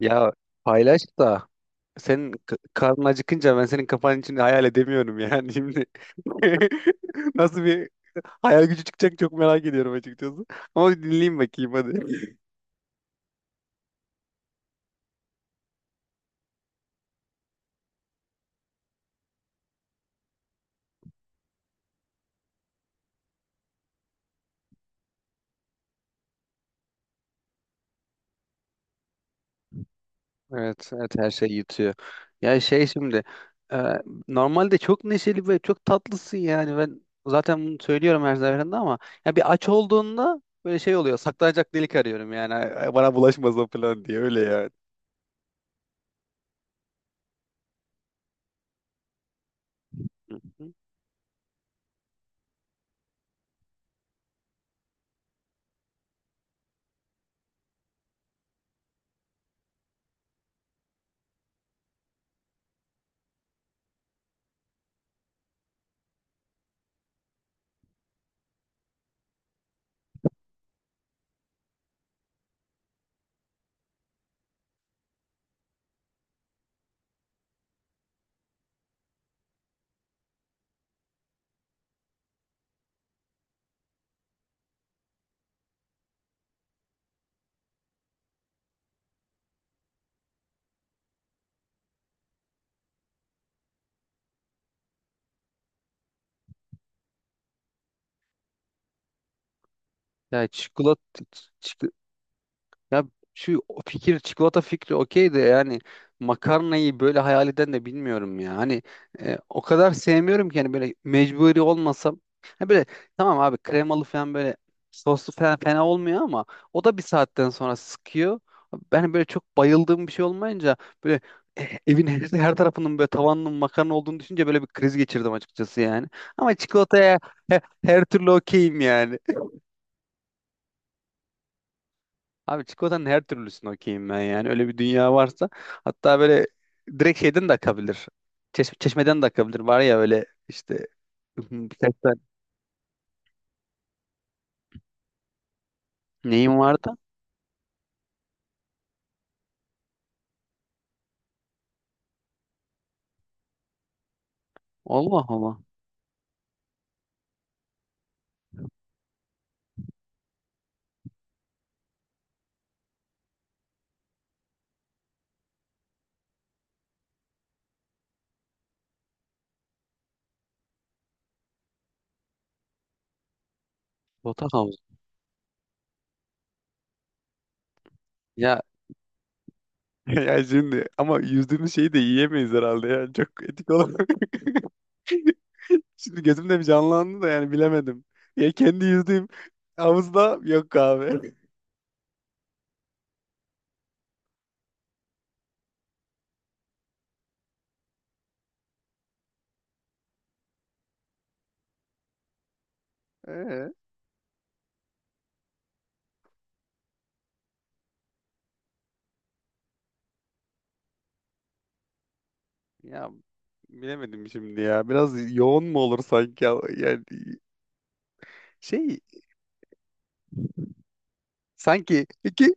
Ya paylaş da senin karnın acıkınca ben senin kafanın içini hayal edemiyorum yani şimdi. Nasıl bir hayal gücü çıkacak, çok merak ediyorum açıkçası. Ama bir dinleyeyim bakayım hadi. Evet, evet, her şey yutuyor. Ya şey, şimdi e, normalde çok neşeli ve çok tatlısın. Yani ben zaten bunu söylüyorum her seferinde ama ya bir aç olduğunda böyle şey oluyor, saklanacak delik arıyorum yani, "Ay, ay, bana bulaşmasın" falan diye, öyle yani. Hı hı. Ya çikolata, ya şu fikir, çikolata fikri okey de yani, makarnayı böyle hayal eden de bilmiyorum ya. Hani o kadar sevmiyorum ki, hani böyle mecburi olmasam. Ha böyle, tamam abi, kremalı falan, böyle soslu falan fena olmuyor ama o da bir saatten sonra sıkıyor. Ben böyle çok bayıldığım bir şey olmayınca, böyle evin her tarafının, böyle tavanının makarna olduğunu düşünce böyle bir kriz geçirdim açıkçası yani. Ama çikolataya her türlü okeyim yani. Abi çikolatanın her türlüsünü okeyim ben yani. Öyle bir dünya varsa. Hatta böyle direkt şeyden de akabilir. Çeşmeden de akabilir. Var ya öyle işte, birkaç tane neyim vardı? Allah Allah. Bota havuz. Ya, ya şimdi ama yüzdüğümüz şeyi de yiyemeyiz herhalde ya. Çok etik olarak. Şimdi gözümde bir canlandı da yani, bilemedim. Ya kendi yüzdüğüm havuzda yok abi. Ee, ya bilemedim şimdi ya. Biraz yoğun mu olur sanki ya? Yani şey, sanki iki,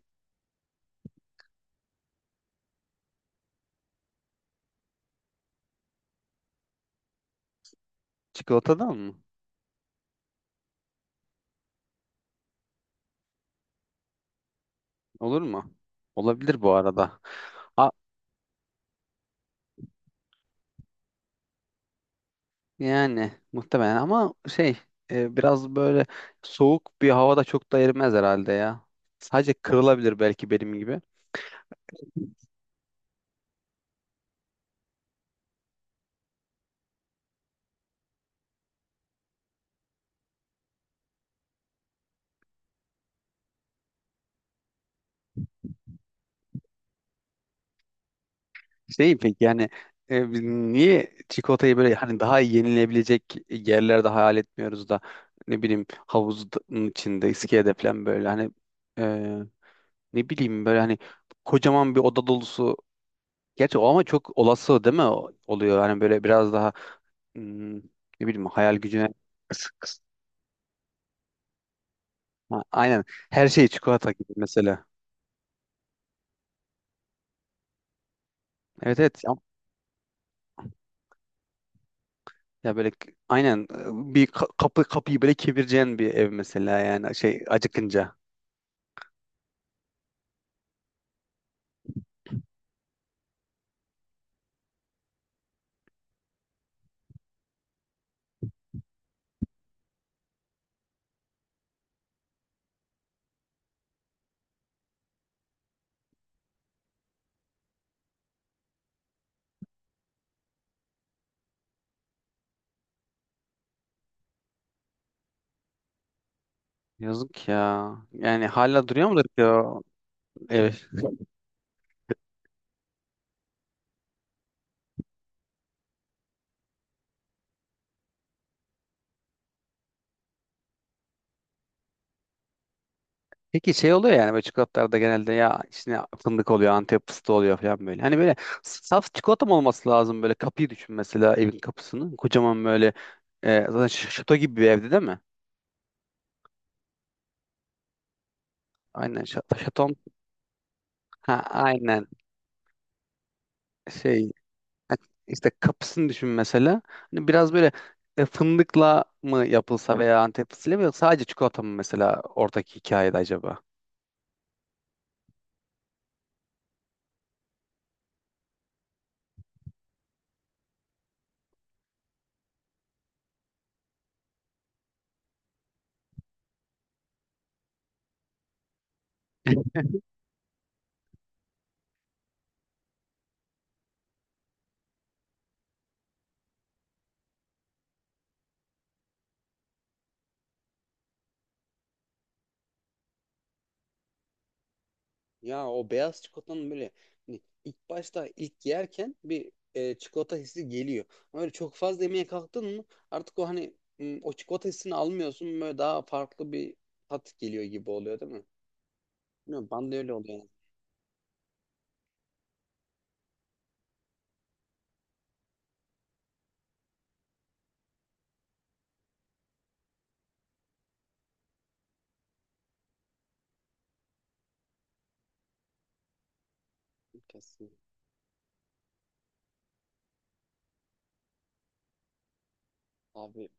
çikolatadan mı? Olur mu? Olabilir bu arada. A, yani muhtemelen ama şey, biraz böyle soğuk bir havada çok da erimez herhalde ya. Sadece kırılabilir belki benim gibi. Şey peki yani, biz niye çikolatayı böyle, hani daha iyi yenilebilecek yerlerde hayal etmiyoruz da ne bileyim havuzun içinde, iskelede falan, böyle hani e, ne bileyim böyle, hani kocaman bir oda dolusu. Gerçi o ama çok olası değil mi? Oluyor? Hani böyle biraz daha, ne bileyim hayal gücüne kıs- kıs- ha, aynen, her şey çikolata gibi mesela. Evet, evet. Ya böyle aynen, bir kapı, kapıyı böyle kevireceğin bir ev mesela, yani şey acıkınca. Yazık ya. Yani hala duruyor mudur ki o ev? Peki şey oluyor yani, böyle çikolatalarda genelde ya içine fındık oluyor, Antep fıstığı oluyor falan böyle. Hani böyle saf çikolata mı olması lazım? Böyle kapıyı düşün mesela, evin kapısını. Kocaman böyle, zaten şato gibi bir evde değil mi? Aynen şato, şaton. Ha aynen, şey, ha, işte kapısını düşün mesela. Hani biraz böyle, fındıkla mı yapılsa, veya Antep fıstığıyla mı, yoksa sadece çikolata mı mesela oradaki hikayede acaba? Ya o beyaz çikolatanın böyle, hani ilk başta, ilk yerken bir çikolata hissi geliyor. Ama öyle çok fazla yemeye kalktın mı artık o hani o çikolata hissini almıyorsun, böyle daha farklı bir tat geliyor gibi oluyor değil mi? Bilmiyorum, bana da öyle oluyor yani. Kesin. Abi,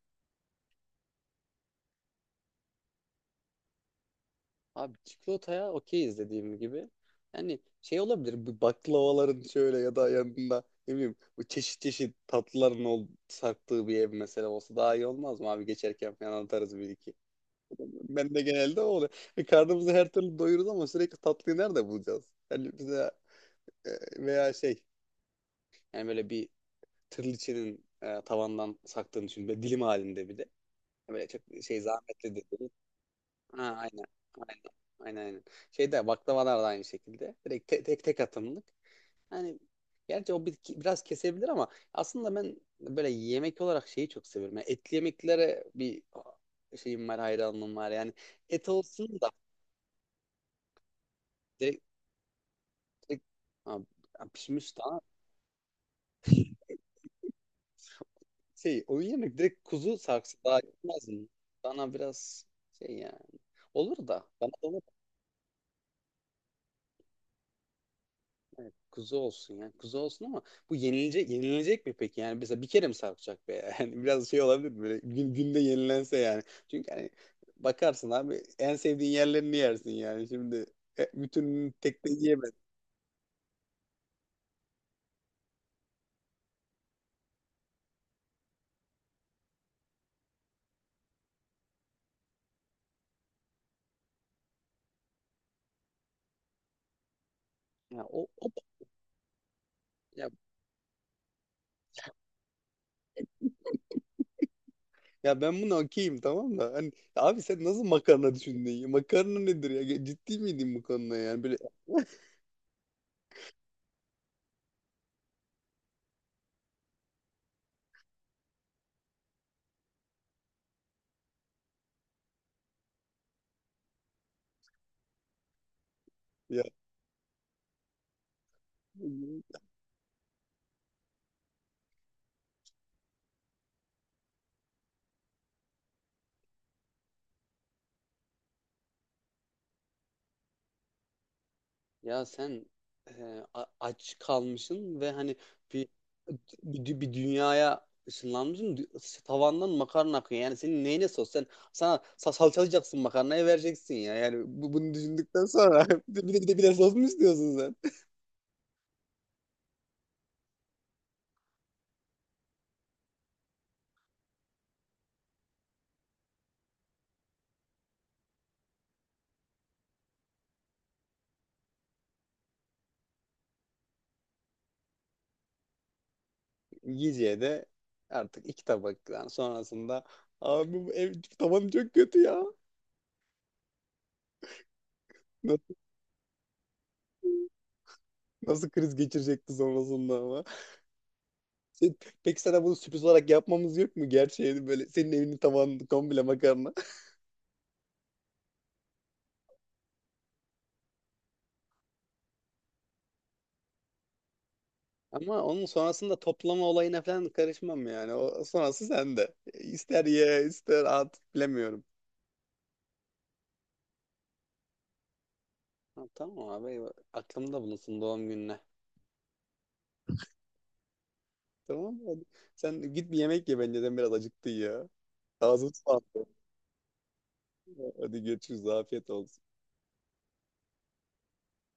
abi çikolataya okeyiz dediğim gibi. Yani şey olabilir, bu baklavaların şöyle, ya da yanında, ne bileyim, bu çeşit çeşit tatlıların ol, sarktığı bir ev mesela olsa daha iyi olmaz mı abi? Geçerken falan atarız bir iki. Ben de genelde o oluyor. E, karnımızı her türlü doyururuz ama sürekli tatlıyı nerede bulacağız? Yani bize e, veya şey, yani böyle bir tırlıçının tavandan saktığını düşün. Böyle dilim halinde bir de. Böyle çok şey zahmetli de değil. Ha, aynen. Aynen. Aynen, aynen. Şeyde baklavalar da aynı şekilde. Direkt tek tek atımlık. Yani gerçi biraz kesebilir ama aslında ben böyle yemek olarak şeyi çok seviyorum. Yani etli yemeklere bir şeyim var, hayranlığım var. Yani et olsun da direkt. Direkt- Ha, ya pişmiş daha, şey, o yemek direkt kuzu sarksı daha gitmez mi? Bana biraz şey yani. Olur da bana da olur. Kuzu olsun yani. Kuzu olsun ama bu yenilecek, yenilecek mi peki? Yani mesela bir kere mi sarkacak be? Yani biraz şey olabilir mi? Böyle günde yenilense yani. Çünkü hani bakarsın abi, en sevdiğin yerlerini yersin yani. Şimdi bütün tek de yiyemezsin. Ya o, o ya, ya ben bunu okeyim tamam da, hani abi sen nasıl makarna düşündün ya? Makarna nedir ya? Ciddi miydin bu konuda yani? Böyle ya, ya sen e, aç kalmışsın ve hani bir bir dünyaya ışınlanmışsın. Tavandan makarna akıyor. Yani senin neyine sos? Sana salçalayacaksın, makarnayı vereceksin ya. Yani bunu düşündükten sonra, bir de sos mu istiyorsun sen? Yiyeceğe de artık iki tabaktan sonrasında abi, bu ev tavanı çok kötü ya. Nasıl, nasıl kriz geçirecekti sonrasında ama. Sen- peki sana bunu sürpriz olarak yapmamız yok mu? Gerçeğini, böyle senin evinin tavanı komple makarna. Ama onun sonrasında toplama olayına falan karışmam yani. O sonrası sende. İster ye, ister at, bilemiyorum. Ha, tamam abi, eyvah. Aklımda bulunsun doğum gününe. Tamam hadi. Sen git bir yemek ye, bence de biraz acıktın ya. Ağzım sulandı. Hadi görüşürüz. Afiyet olsun.